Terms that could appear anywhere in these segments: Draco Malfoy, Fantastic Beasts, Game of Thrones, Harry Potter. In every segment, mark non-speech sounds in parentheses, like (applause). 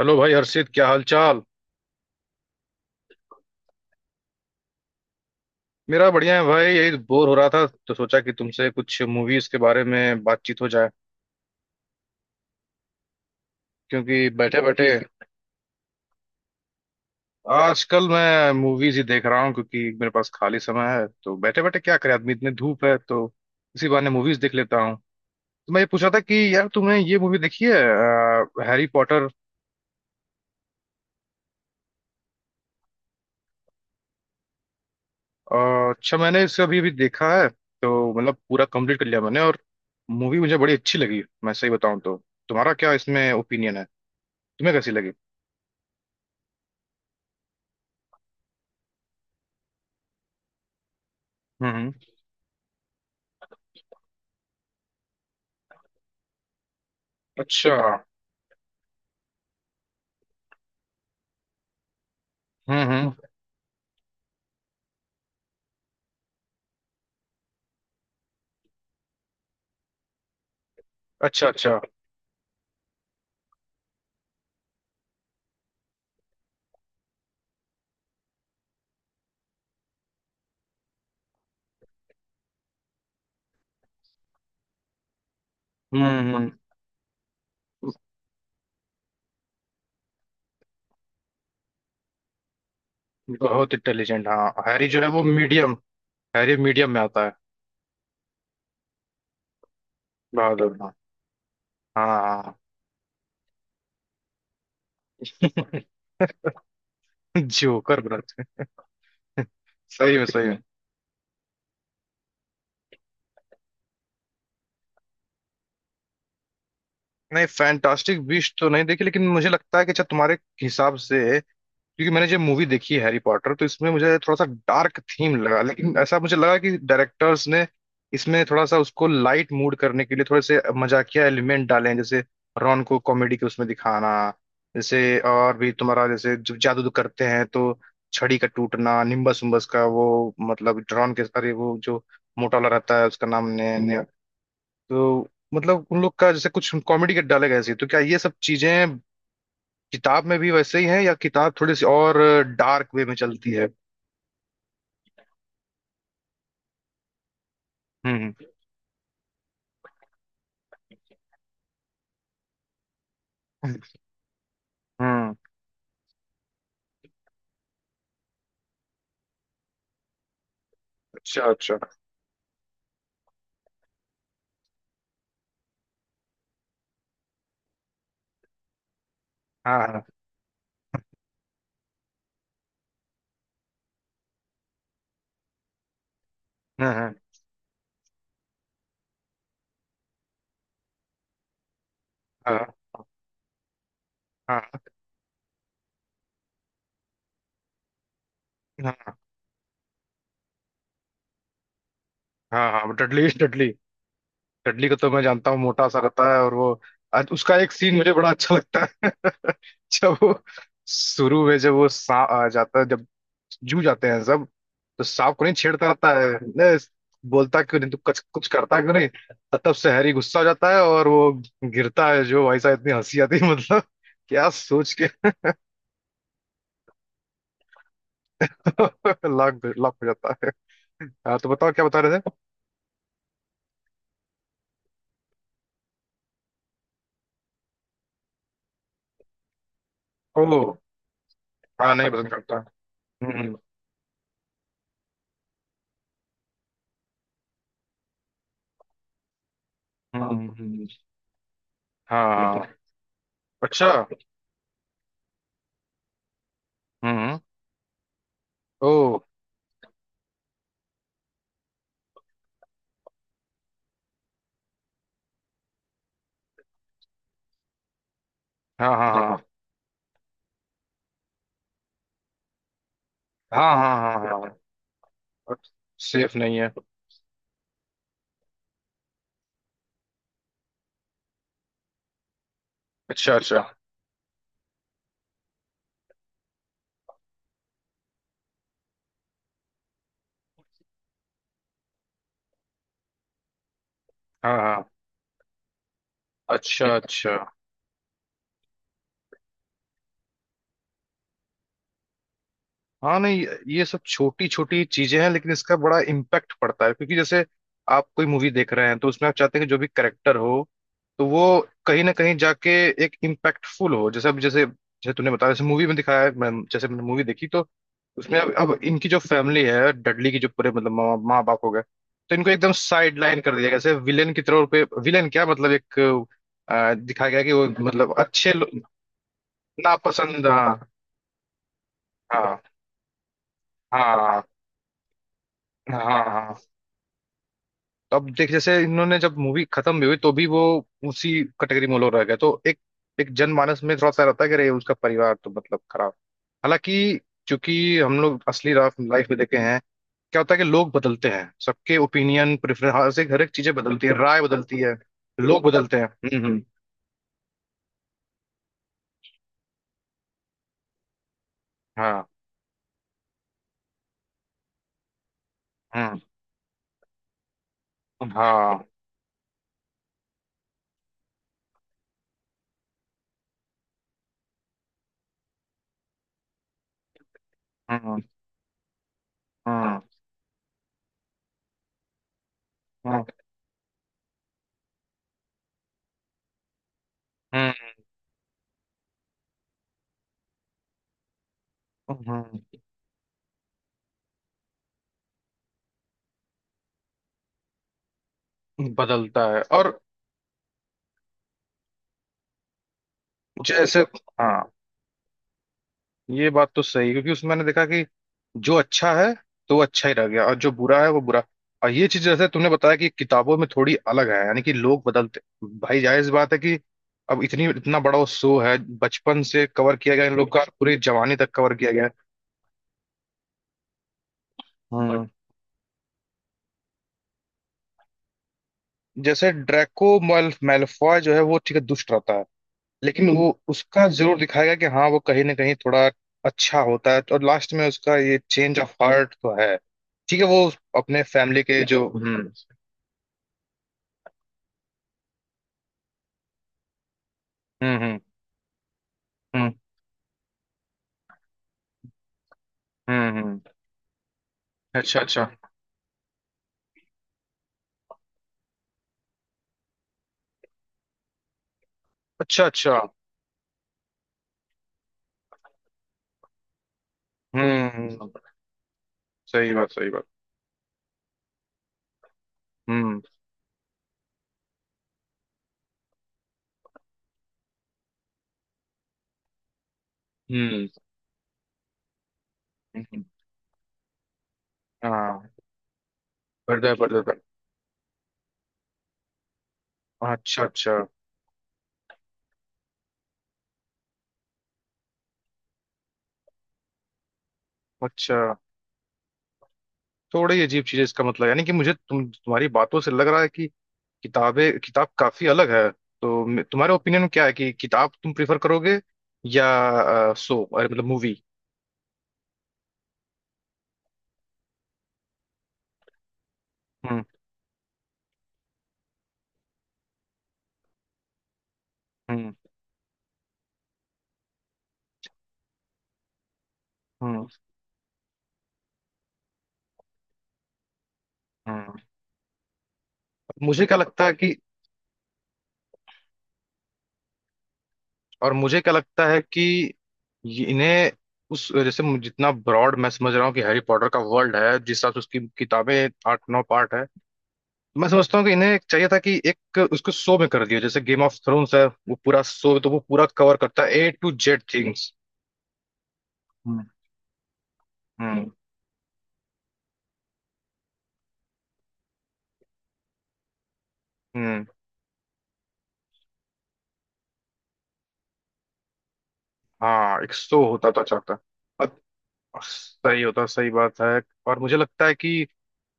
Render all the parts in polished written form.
Hello भाई हर्षित, क्या हाल चाल। मेरा बढ़िया है भाई, यही बोर हो रहा था तो सोचा कि तुमसे कुछ मूवीज के बारे में बातचीत हो जाए क्योंकि बैठे बैठे। आजकल मैं मूवीज ही देख रहा हूँ क्योंकि मेरे पास खाली समय है, तो बैठे बैठे क्या करे आदमी, इतनी धूप है तो इसी बहाने मूवीज देख लेता हूँ। तो मैं ये पूछा था कि यार तुमने ये मूवी देखी है, हैरी पॉटर। अच्छा, मैंने इसे अभी अभी देखा है तो मतलब पूरा कंप्लीट कर लिया मैंने, और मूवी मुझे बड़ी अच्छी लगी, मैं सही बताऊँ तो। तुम्हारा क्या इसमें ओपिनियन है, तुम्हें कैसी लगी। हम्म। अच्छा। हम्म। अच्छा अच्छा। हम्म। बहुत इंटेलिजेंट, हाँ, हैरी जो है वो मीडियम, हैरी मीडियम में आता है। बहादुर, हाँ। हाँ। (laughs) जोकर बनाते हैं। (laughs) सही में, सही में। नहीं, फैंटास्टिक बीस्ट तो नहीं देखी, लेकिन मुझे लगता है कि अच्छा, तुम्हारे हिसाब से। क्योंकि मैंने जब मूवी देखी है हैरी पॉटर, तो इसमें मुझे थोड़ा सा डार्क थीम लगा, लेकिन ऐसा मुझे लगा कि डायरेक्टर्स ने इसमें थोड़ा सा उसको लाइट मूड करने के लिए थोड़े से मजाकिया एलिमेंट डाले हैं, जैसे रॉन को कॉमेडी के उसमें दिखाना, जैसे और भी तुम्हारा, जैसे जब जादू उदू करते हैं, तो छड़ी का टूटना, निम्बस उम्बस का वो, मतलब रॉन के, अरे वो जो मोटा वाला रहता है उसका नाम ने। तो मतलब उन लोग का जैसे कुछ कॉमेडी के डाले गए थे, तो क्या ये सब चीजें किताब में भी वैसे ही है, या किताब थोड़ी सी और डार्क वे में चलती है। हम्म हम्म। अच्छा अच्छा। हाँ हाँ हाँ। हाँ हाँ हाँ, हाँ हाँ हाँ, डडली डडली। चडली को तो मैं जानता हूँ, मोटा सा रहता है, और वो आज उसका एक सीन मुझे बड़ा अच्छा लगता है। (laughs) जब वो शुरू में, जब वो सांप आ जाता है, जब जू जाते हैं सब, तो सांप को नहीं छेड़ता रहता है ने, बोलता क्यों नहीं तू, कुछ कुछ करता क्यों नहीं। तो तब से हैरी गुस्सा हो जाता है और वो गिरता है। जो भाई साहब, इतनी हंसी आती है, मतलब क्या सोच के। (laughs) लाख लाख हो जाता है। हाँ, तो बताओ क्या बता रहे थे। ओ। हाँ, नहीं पसंद करता। हम्म हम्म हम्म। हम्म। हाँ। अच्छा। हम्म। ओ। हाँ हाँ हाँ, देखो। हाँ हाँ हाँ हाँ। हाँ, सेफ नहीं है। अच्छा अच्छा। हाँ हाँ। अच्छा अच्छा। हाँ नहीं, ये सब छोटी छोटी चीजें हैं, लेकिन इसका बड़ा इम्पैक्ट पड़ता है क्योंकि जैसे आप कोई मूवी देख रहे हैं, तो उसमें आप चाहते हैं कि जो भी करेक्टर हो, तो वो कहीं ना कहीं जाके एक इम्पैक्टफुल हो। जैसे अब, जैसे जैसे तूने बताया, जैसे मूवी में दिखाया है, मैं, जैसे मैंने मूवी देखी तो उसमें, अब इनकी जो फैमिली है डडली की, जो पूरे मतलब माँ माँ बाप हो गए, तो इनको एकदम साइड लाइन कर दिया जैसे विलेन की तरह पे, विलेन क्या मतलब एक दिखाया गया कि वो मतलब नापसंद, हाँ। हाँ हाँ हाँ। हाँ हाँ तो अब देख, जैसे इन्होंने जब मूवी खत्म भी हुई तो भी वो उसी कैटेगरी में लोग रह गए, तो एक, एक जनमानस में थोड़ा सा रहता है कि अरे उसका परिवार तो मतलब खराब, हालांकि चूंकि हम लोग असली लाइफ में देखे हैं क्या होता है कि लोग बदलते हैं, सबके ओपिनियन, प्रेफरेंस, हर से हर एक चीजें बदलती है, राय बदलती है, लोग बदलते हैं। हम्म। हाँ। हम्म। हाँ। हम्म हम्म हम्म। हम्म, हम्म। बदलता है, और जैसे, हाँ, ये बात तो सही है, क्योंकि उसमें मैंने देखा कि जो अच्छा है तो वो अच्छा ही रह गया, और जो बुरा है वो बुरा। और ये चीज जैसे तुमने बताया कि किताबों में थोड़ी अलग है, यानी कि लोग बदलते, भाई जायज बात है कि अब इतनी इतना बड़ा वो शो है, बचपन से कवर किया गया, इन लोग का पूरी जवानी तक कवर किया गया है। हम्म। जैसे ड्रैको मैलफॉय जो है वो ठीक है, दुष्ट रहता है, लेकिन वो उसका जरूर दिखाया गया कि हाँ वो कहीं ना कहीं थोड़ा अच्छा होता है, और लास्ट में उसका ये चेंज ऑफ हार्ट तो है, ठीक है। वो अपने फैमिली के जो, हम्म। हम्म। हम्म। अच्छा अच्छा। अच्छा अच्छा। हम्म। सही बात, सही बात। हम्म हम्म। हम्म, हाँ। पर्दा है, पर्दा था। अच्छा अच्छा। अच्छा। थोड़ी अजीब चीज है इसका मतलब, यानी कि मुझे, तुम्हारी बातों से लग रहा है कि किताबें, किताब काफी अलग है। तो तुम्हारे ओपिनियन में क्या है कि किताब तुम प्रिफर करोगे, या शो, अरे मतलब मूवी। हम्म। हम्म। हम्म। हम्म। मुझे क्या लगता है कि, और मुझे क्या लगता है कि इन्हें, उस जैसे जितना ब्रॉड मैं समझ रहा हूँ कि हैरी पॉटर का वर्ल्ड है, जिस हिसाब से उसकी किताबें आठ नौ पार्ट है, मैं समझता हूँ कि इन्हें एक चाहिए था कि एक उसको शो में कर दिया, जैसे गेम ऑफ थ्रोन्स है वो पूरा शो, तो वो पूरा कवर करता है, A to Z things. Hmm hmm. Hmm. हाँ, एक शो होता तो अच्छा होता। सही होता, सही बात है। और मुझे लगता है कि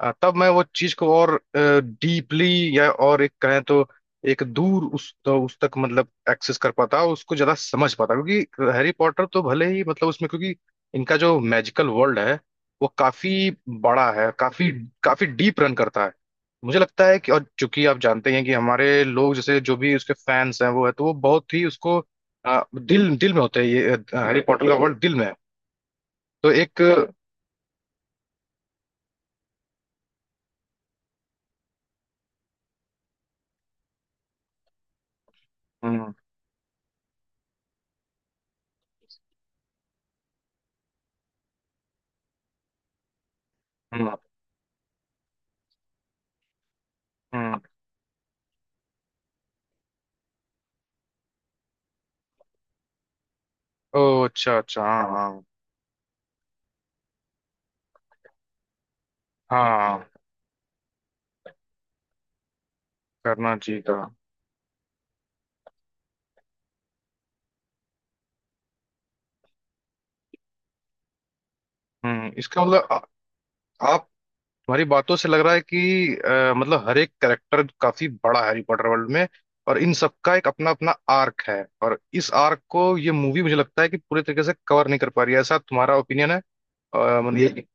तब मैं वो चीज को और डीपली, या और एक कहें तो, एक दूर उस, तो उस तक मतलब एक्सेस कर पाता, उसको ज्यादा समझ पाता, क्योंकि हैरी पॉटर तो भले ही मतलब उसमें, क्योंकि इनका जो मैजिकल वर्ल्ड है, वो काफी बड़ा है, काफी काफी डीप रन करता है। मुझे लगता है कि, और चूंकि आप जानते ही हैं कि हमारे लोग जैसे जो भी उसके फैंस हैं वो है, तो वो बहुत ही उसको दिल दिल में होते हैं, ये हैरी पॉटर का वर्ल्ड दिल में है। तो एक, हम्म हम्म। हम्म। ओ अच्छा अच्छा, हाँ हाँ हाँ। करना चाहिए था। हम्म। इसका मतलब आप, तुम्हारी बातों से लग रहा है कि मतलब हर एक कैरेक्टर काफी बड़ा है हैरी पॉटर वर्ल्ड में, और इन सबका एक अपना अपना आर्क है, और इस आर्क को ये मूवी मुझे लगता है कि पूरे तरीके से कवर नहीं कर पा रही है, ऐसा तुम्हारा ओपिनियन है, मतलब ये।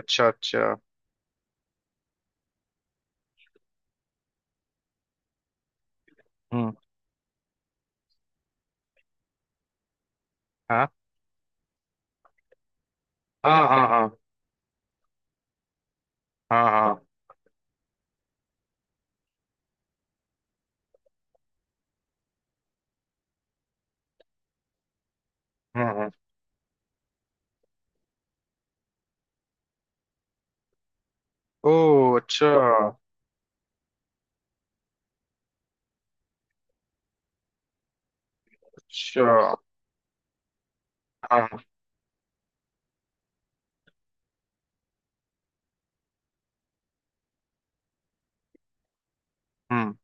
अच्छा अच्छा। हम्म। हाँ हाँ हाँ हाँ हाँ हाँ हाँ हाँ। ओ अच्छा अच्छा, हाँ हाँ, हम्म।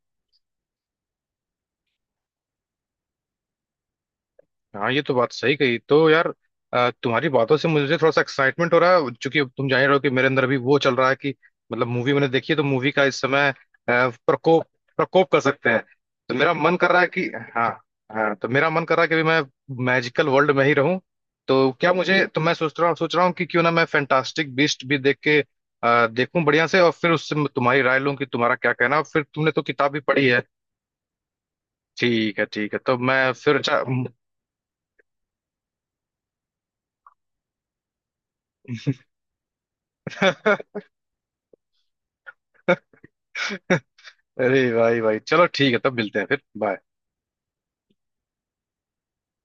हाँ, ये तो बात सही कही तो यार, तुम्हारी बातों से मुझे थोड़ा सा एक्साइटमेंट हो रहा है, चूंकि तुम जान ही रहे हो कि मेरे अंदर अभी वो चल रहा है कि मतलब मूवी मैंने देखी है, तो मूवी का इस समय प्रकोप, प्रकोप कर सकते हैं। तो मेरा मन कर रहा है कि, हाँ। हाँ, तो मेरा मन कर रहा है कि अभी मैं मैजिकल वर्ल्ड में ही रहूं। तो क्या मुझे, तो मैं सोच रहा हूँ कि क्यों ना मैं फैंटास्टिक बीस्ट भी देख के देखूं बढ़िया से, और फिर उससे मैं तुम्हारी राय लूं कि तुम्हारा क्या कहना है। और फिर तुमने तो किताब भी पढ़ी है। ठीक है, ठीक है, तो मैं फिर, अच्छा। (laughs) अरे भाई भाई, चलो ठीक है, तब मिलते हैं, फिर बाय।